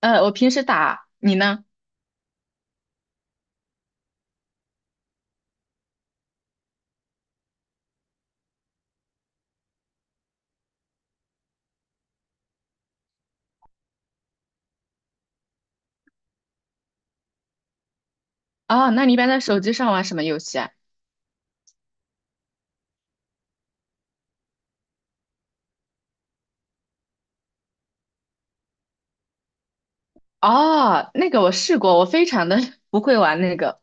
我平时打，你呢？哦，那你一般在手机上玩什么游戏啊？哦，那个我试过，我非常的 不会玩那个。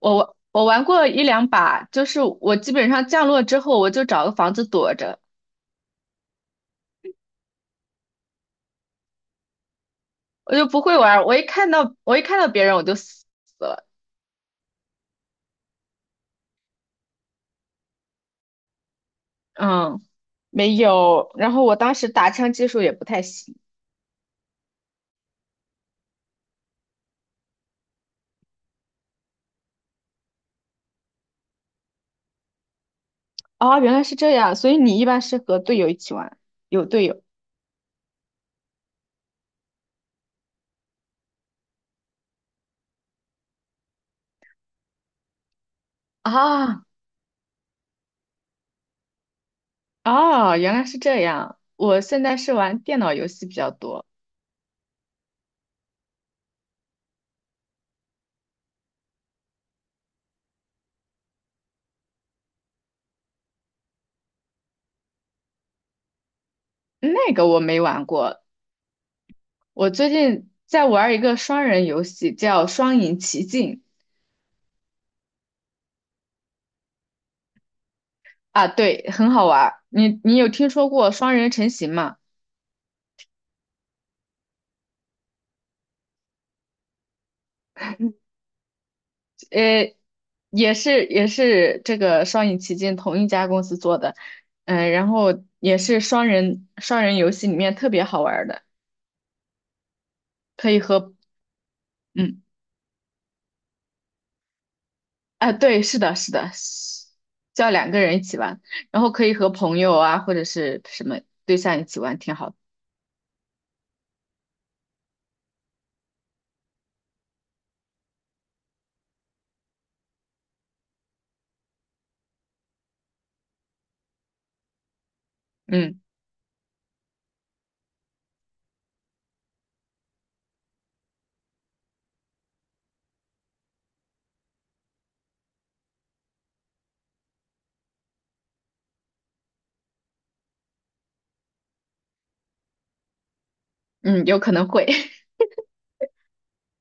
我玩过一两把，就是我基本上降落之后，我就找个房子躲着。我就不会玩。我一看到别人我就死了。嗯，没有。然后我当时打枪技术也不太行。哦，原来是这样，所以你一般是和队友一起玩，有队友。啊，哦，原来是这样。我现在是玩电脑游戏比较多。那个我没玩过。我最近在玩一个双人游戏，叫《双影奇境》。啊，对，很好玩儿，你有听说过双人成行吗？呃，也是这个《双影奇境》同一家公司做的。嗯，然后也是双人游戏里面特别好玩儿的，可以和嗯啊，对，是的，是的，是叫两个人一起玩，然后可以和朋友啊或者是什么对象一起玩，挺好的。嗯嗯，有可能会。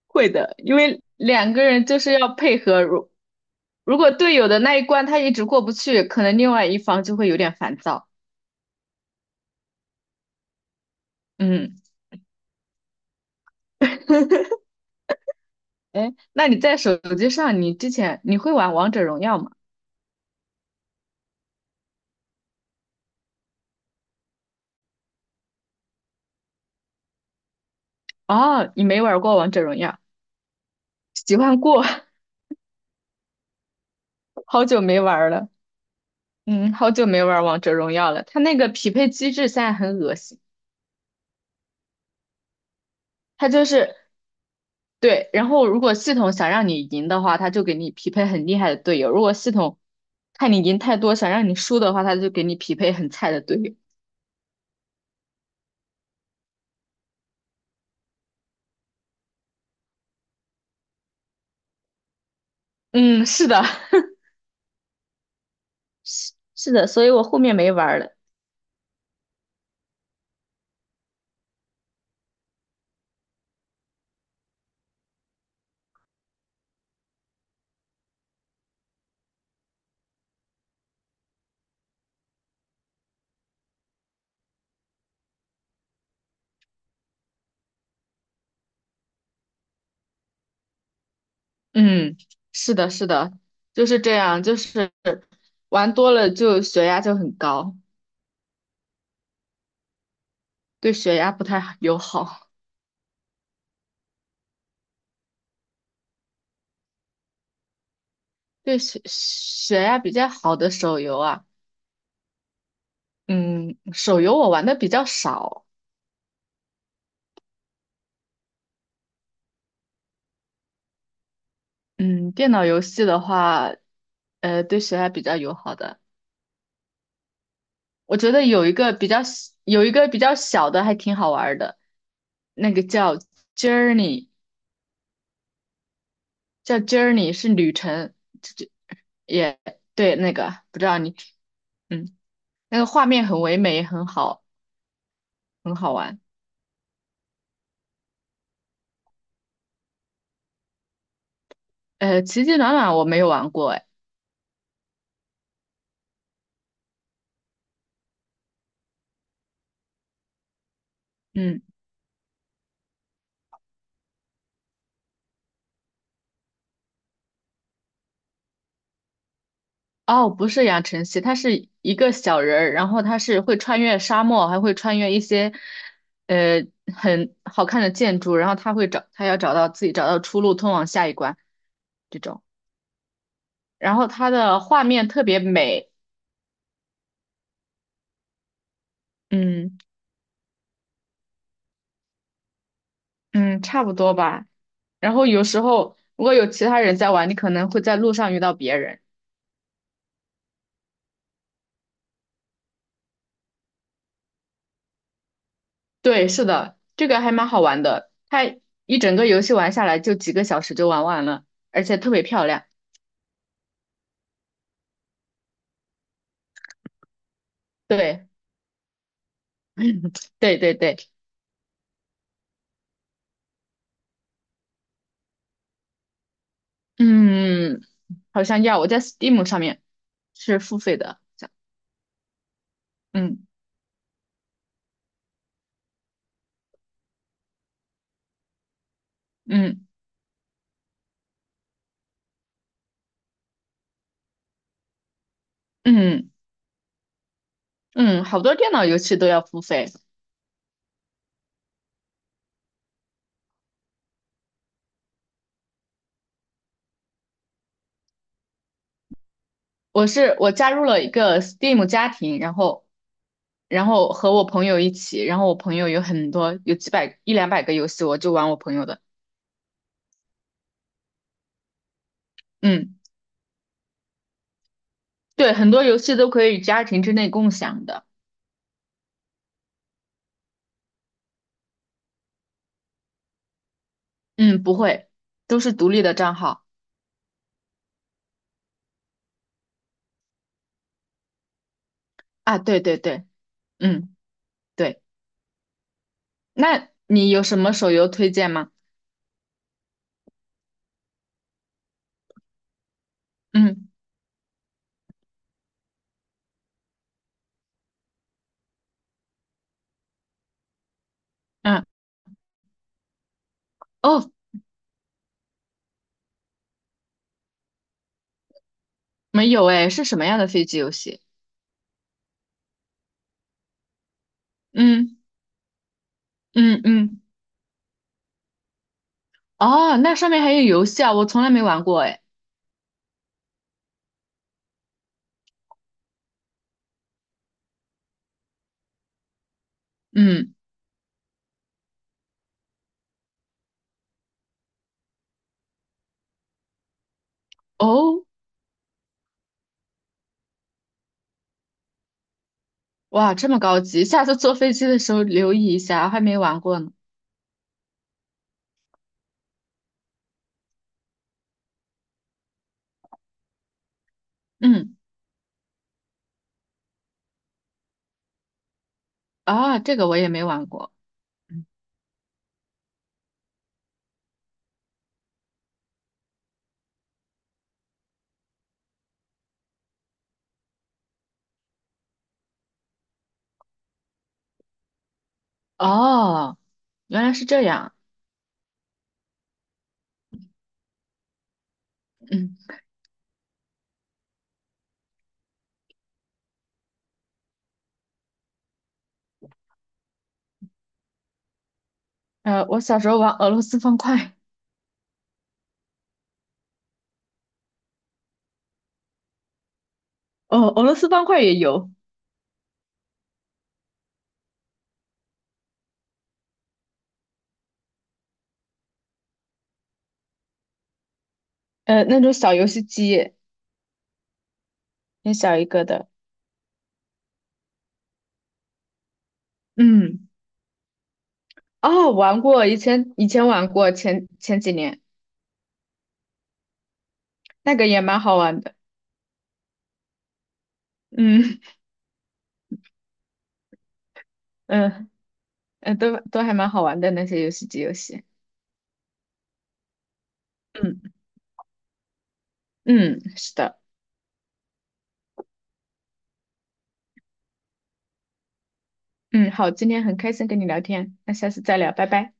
会的，因为两个人就是要配合。如果队友的那一关他一直过不去，可能另外一方就会有点烦躁。嗯，哎，那你在手机上，你之前你会玩王者荣耀吗？哦，你没玩过王者荣耀，喜欢过。好久没玩了。嗯，好久没玩王者荣耀了。它那个匹配机制现在很恶心。它就是对，然后如果系统想让你赢的话，它就给你匹配很厉害的队友；如果系统看你赢太多，想让你输的话，它就给你匹配很菜的队友。嗯，是的。是是的，所以我后面没玩儿了。嗯，是的，是的，就是这样，就是玩多了就血压就很高，对血压不太友好。对血血压比较好的手游啊，嗯，手游我玩的比较少。嗯，电脑游戏的话，对谁还比较友好的？我觉得有一个比较小的还挺好玩儿的，那个叫 Journey，叫 Journey 是旅程。这就也对那个不知道你嗯，那个画面很唯美，很好，很好玩。奇迹暖暖我没有玩过哎。嗯。哦，不是养成系，它是一个小人儿，然后他是会穿越沙漠，还会穿越一些，呃，很好看的建筑，然后他会找，他要找到自己找到出路，通往下一关这种。然后它的画面特别美。嗯嗯，差不多吧。然后有时候如果有其他人在玩，你可能会在路上遇到别人。对，是的，这个还蛮好玩的。它一整个游戏玩下来就几个小时就玩完了，而且特别漂亮。对对对对。嗯，好像要，我在 Steam 上面是付费的。嗯嗯嗯嗯，好多电脑游戏都要付费。我加入了一个 Steam 家庭，然后然后和我朋友一起，然后我朋友有很多有几百一两百个游戏，我就玩我朋友的。嗯，对，很多游戏都可以家庭之内共享的。嗯，不会，都是独立的账号啊。对对对，嗯对。那你有什么手游推荐吗？嗯嗯。哦，没有哎，是什么样的飞机游戏？嗯嗯嗯，哦，那上面还有游戏啊，我从来没玩过哎。嗯，哦，哇，这么高级，下次坐飞机的时候留意一下，还没玩过呢。嗯，啊，这个我也没玩过。嗯哦，原来是这样。嗯，我小时候玩俄罗斯方块，哦，俄罗斯方块也有，那种小游戏机，很小一个的。嗯，哦，玩过，以前玩过，前几年那个也蛮好玩的。嗯。嗯，嗯，都还蛮好玩的那些游戏机游戏。嗯嗯，是的，嗯，好，今天很开心跟你聊天，那下次再聊，拜拜。